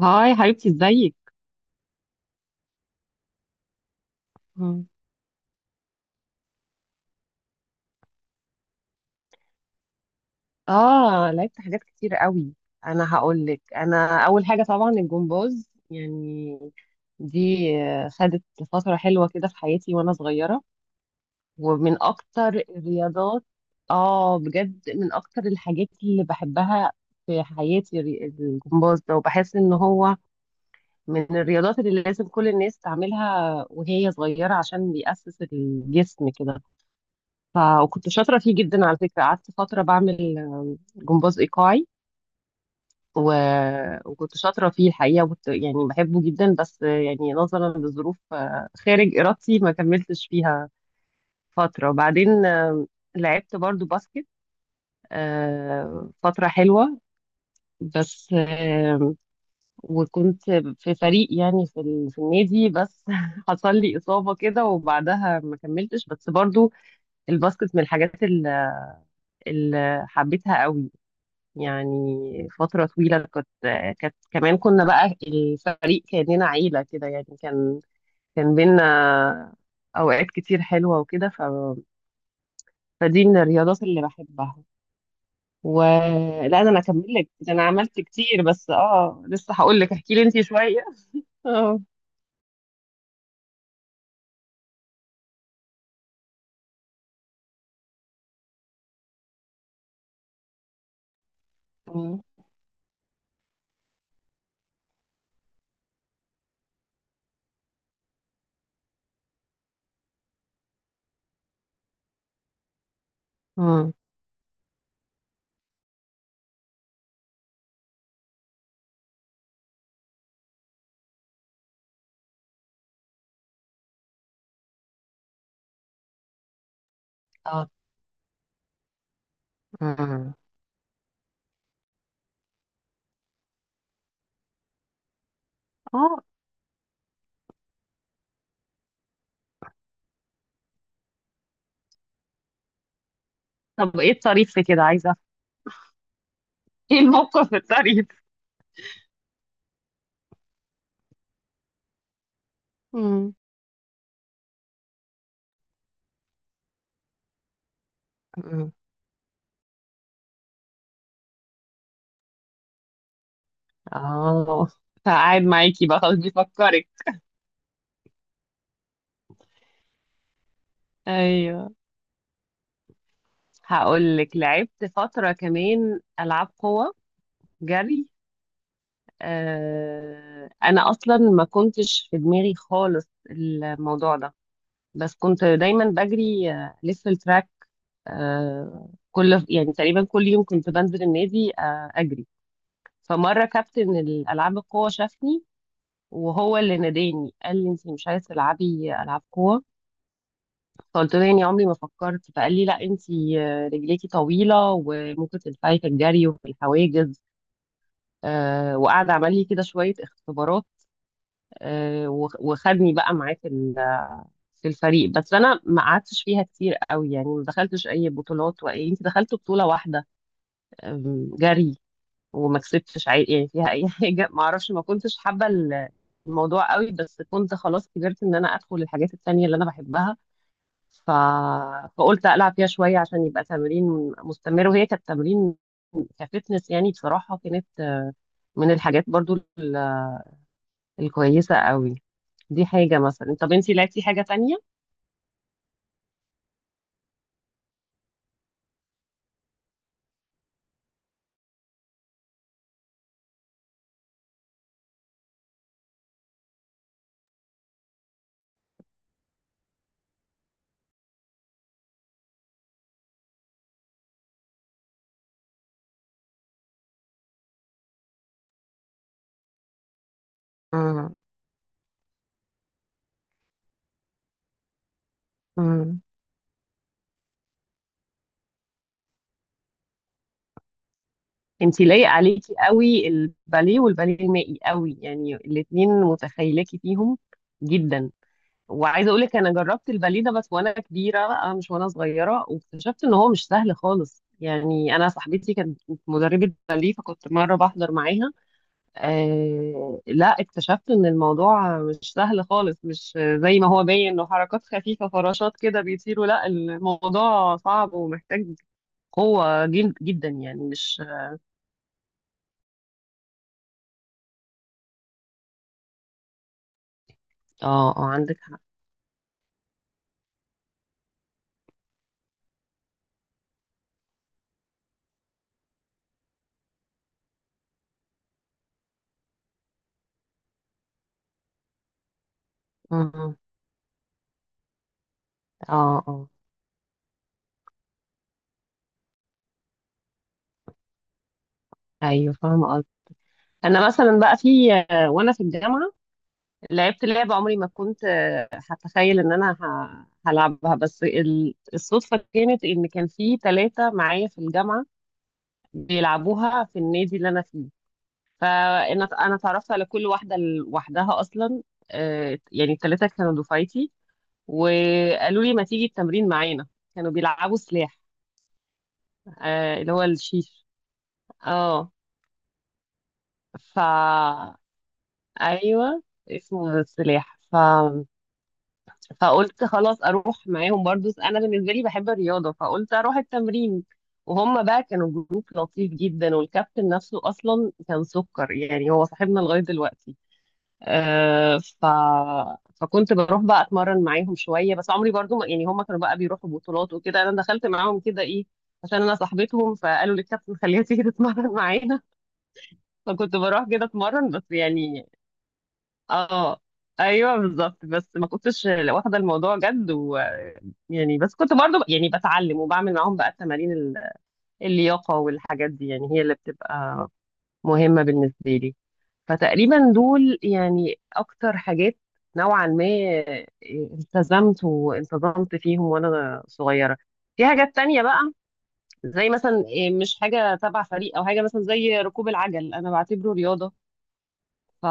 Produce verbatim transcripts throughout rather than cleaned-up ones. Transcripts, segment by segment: هاي حبيبتي، ازيك؟ مم. اه، لعبت حاجات كتير قوي. انا هقول لك، انا اول حاجه طبعا الجمباز، يعني دي. آه، خدت فتره حلوه كده في حياتي وانا صغيره، ومن اكتر الرياضات. اه بجد، من اكتر الحاجات اللي بحبها في حياتي الري- الجمباز ده، وبحس ان هو من الرياضات اللي لازم كل الناس تعملها وهي صغيره، عشان بيأسس الجسم كده. ف- وكنت شاطره فيه جدا على فكره، قعدت فتره بعمل جمباز ايقاعي. و... وكنت شاطره فيه الحقيقه، وكنت يعني بحبه جدا، بس يعني نظرا لظروف آه، خارج ارادتي ما كملتش فيها فتره. وبعدين آه، لعبت برضو باسكت، آه، فتره حلوه. بس آه، وكنت في فريق، يعني في ال- في النادي، بس حصل لي اصابه كده وبعدها ما كملتش. بس برضو الباسكت من الحاجات اللي حبيتها قوي، يعني فترة طويلة كنت. كانت كمان كنا بقى الفريق كأننا عيلة كده، يعني كان كان بينا أوقات كتير حلوة وكده. ف... فدي من الرياضات اللي بحبها. ولا ده أنا أكمل لك؟ ده أنا عملت كتير بس اه لسه. هقول لك، احكي لي أنتي شوية اه. مم. مم. اه. مم. اه. طب إيه الطريف في كده؟ عايزة أفهم. إيه الموقف الطريف؟ مم. مم. اه فقاعد معاكي بقى خلاص بيفكرك. ايوه، هقول لك. لعبت فترة كمان ألعاب قوة، جري. آه، أنا أصلا ما كنتش في دماغي خالص الموضوع ده، بس كنت دايما بجري، آه، لف التراك. آه، كل يعني تقريبا كل يوم كنت بنزل النادي آه أجري. فمرة كابتن الألعاب القوة شافني، وهو اللي ناداني قال لي: انت مش عايزه تلعبي العاب قوه؟ فقلت له: يعني عمري ما فكرت. فقال لي: لا انت، آه، رجليكي طويله وممكن تنفعي في الجري وفي الحواجز. آه، وقعد عمل لي كده شوية اختبارات، آه، وخ- وخدني بقى معاه في ال- في الفريق. بس أنا ما قعدتش فيها كتير قوي، يعني ما دخلتش أي بطولات. وأي، أنت دخلت بطولة واحدة، آم، جري. وما كسبتش عي- يعني فيها أي حاجة. ما أعرفش، ما كنتش حابة ال- الموضوع قوي، بس كنت خلاص كبرت إن أنا أدخل الحاجات التانية اللي أنا بحبها. ف... فقلت ألعب فيها شوية عشان يبقى تمرين مستمر، وهي كانت تمرين كفتنس. يعني بصراحة كانت من الحاجات برضو ال- الكويسة قوي. دي حاجة مثلا. طب انتي لعبتي حاجة تانية؟ مم. مم. انتي لايق عليكي قوي الباليه والباليه المائي قوي، يعني الاتنين متخيلاكي فيهم جدا. وعايزة اقولك انا جربت الباليه ده، بس وانا كبيرة بقى مش وانا صغيرة، واكتشفت ان هو مش سهل خالص. يعني انا صاحبتي كانت مدربة باليه، فكنت مرة بحضر معاها. آه لا، اكتشفت ان الموضوع مش سهل خالص، مش زي ما هو باين انه حركات خفيفة فراشات كده بيطيروا. لا، الموضوع صعب ومحتاج قوة جد جدا، يعني مش. اه اه عندك حق. اه اه. آه. ايوه فاهمة قصدي. انا مثلا بقى في آه، وانا في الجامعة لعبت لعبة عمري ما كنت هتخيل ان انا ه- هلعبها. بس ال- الصدفة كانت ان كان في ثلاثة معايا في الجامعة بيلعبوها في النادي اللي انا فيه. فانا، انا اتعرفت على كل واحدة لوحدها اصلا. آه، يعني الثلاثة كانوا دفعتي، وقالوا لي: ما تيجي التمرين معانا؟ كانوا بيلعبوا سلاح، آه، اللي هو الشيش. اه. فا ايوه، اسمه السلاح. ف فقلت خلاص اروح معاهم، برضو انا بالنسبه لي بحب الرياضه فقلت اروح التمرين. وهم بقى كانوا جروب لطيف جدا، والكابتن نفسه اصلا كان سكر، يعني هو صاحبنا لغايه دلوقتي. آه. ف فكنت بروح بقى اتمرن معاهم شويه، بس عمري برضو ما يعني. هم كانوا بقى بيروحوا بطولات وكده، انا دخلت معاهم كده ايه عشان انا صاحبتهم، فقالوا للكابتن خليها تيجي تتمرن معانا. فكنت بروح كده اتمرن بس يعني. اه، ايوه بالظبط، بس ما كنتش واخده الموضوع جد. ويعني بس كنت برضو يعني بتعلم، وبعمل معاهم بقى التمارين ال- اللياقه والحاجات دي، يعني هي اللي بتبقى مهمه بالنسبه لي. فتقريبا دول يعني اكتر حاجات نوعا ما آه، التزمت وانتظمت فيهم وانا صغيره. في حاجات تانية بقى زي مثلا إيه، مش حاجة تبع فريق، أو حاجة مثلا زي ركوب العجل، أنا بعتبره رياضة. ف...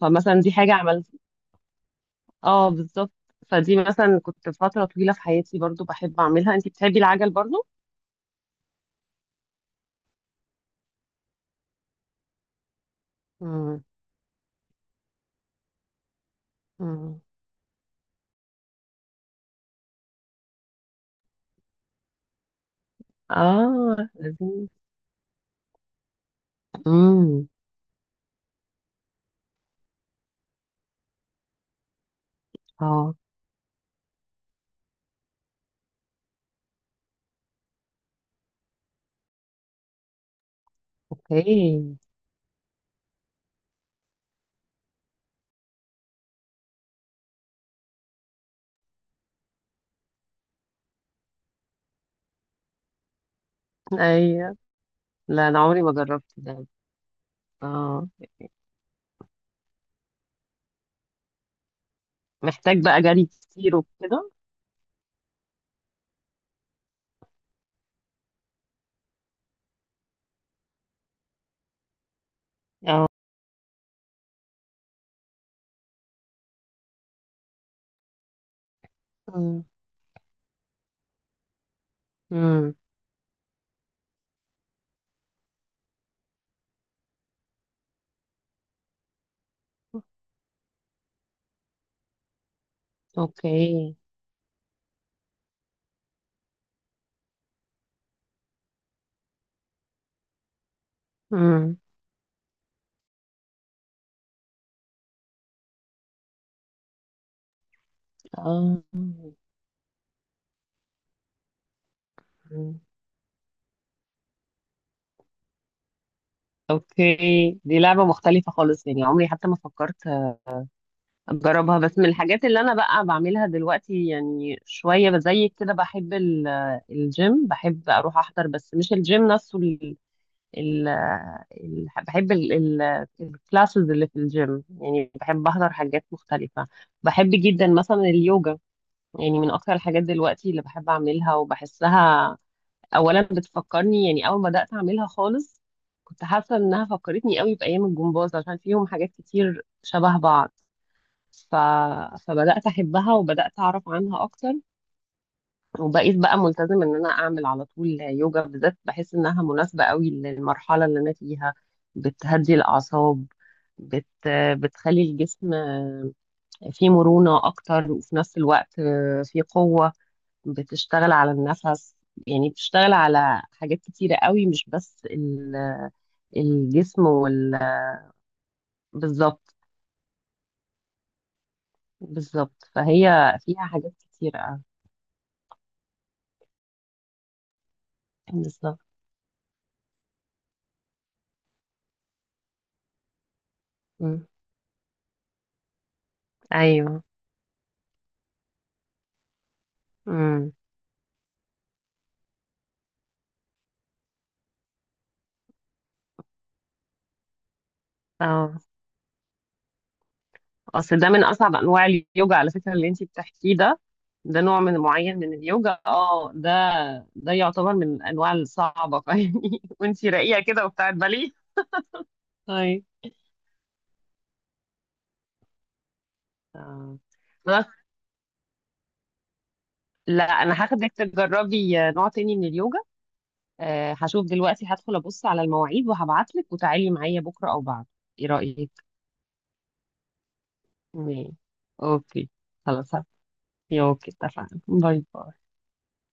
فمثلا دي حاجة عملتها. اه بالظبط. فدي مثلا كنت فترة طويلة في حياتي برضو بحب أعملها. أنتي بتحبي العجل برضو؟ مم. مم. اه لذيذ. امم. اه. اوكي. ايوه. لا، انا عمري ما جربت ده. اه، محتاج بقى جري كتير وكده. اه. امم. امم. اوكي. امم. اه. مم. اوكي، دي لعبة مختلفة خالص، يعني عمري حتى ما فكرت اجربها. بس من الحاجات اللي انا بقى بعملها دلوقتي يعني، شويه بزيك كده، بحب ال- الجيم. بحب اروح احضر، بس مش الجيم نفسه، ال ال ال بحب ال- ال- الكلاسز اللي في الجيم. يعني بحب احضر حاجات مختلفه. بحب جدا مثلا اليوجا، يعني من اكتر الحاجات دلوقتي اللي بحب اعملها وبحسها. اولا بتفكرني، يعني اول ما بدات اعملها خالص كنت حاسه انها فكرتني قوي بايام الجمباز، عشان فيهم حاجات كتير شبه بعض. ف... فبدأت أحبها وبدأت أعرف عنها أكتر. وبقيت بقى ملتزم إن أنا أعمل على طول يوجا بالذات. بحس إنها مناسبة قوي للمرحلة اللي أنا فيها. بتهدي الأعصاب، بت... بتخلي الجسم فيه مرونة أكتر، وفي نفس الوقت فيه قوة. بتشتغل على النفس، يعني بتشتغل على حاجات كتيرة قوي، مش بس ال- الجسم وال... بالظبط. بالظبط، فهي فيها حاجات كتيرة قوي. بالظبط. مم. أيوه. امم. اه. اصل ده من اصعب انواع اليوجا على فكره اللي انت بتحكيه ده. ده نوع من معين من اليوجا، اه ده، ده يعتبر من الانواع الصعبه فاهمني؟ وانت راقيه كده وبتاعت بالي. هاي. آه. بس لا، انا هاخدك تجربي آه، نوع تاني من اليوجا. آه، هشوف دلوقتي، هدخل ابص على المواعيد وهبعت لك وتعالي معايا بكره او بعد، ايه رايك؟ ماشي. اوكي. خلاص. اوكي اتفقنا، باي باي.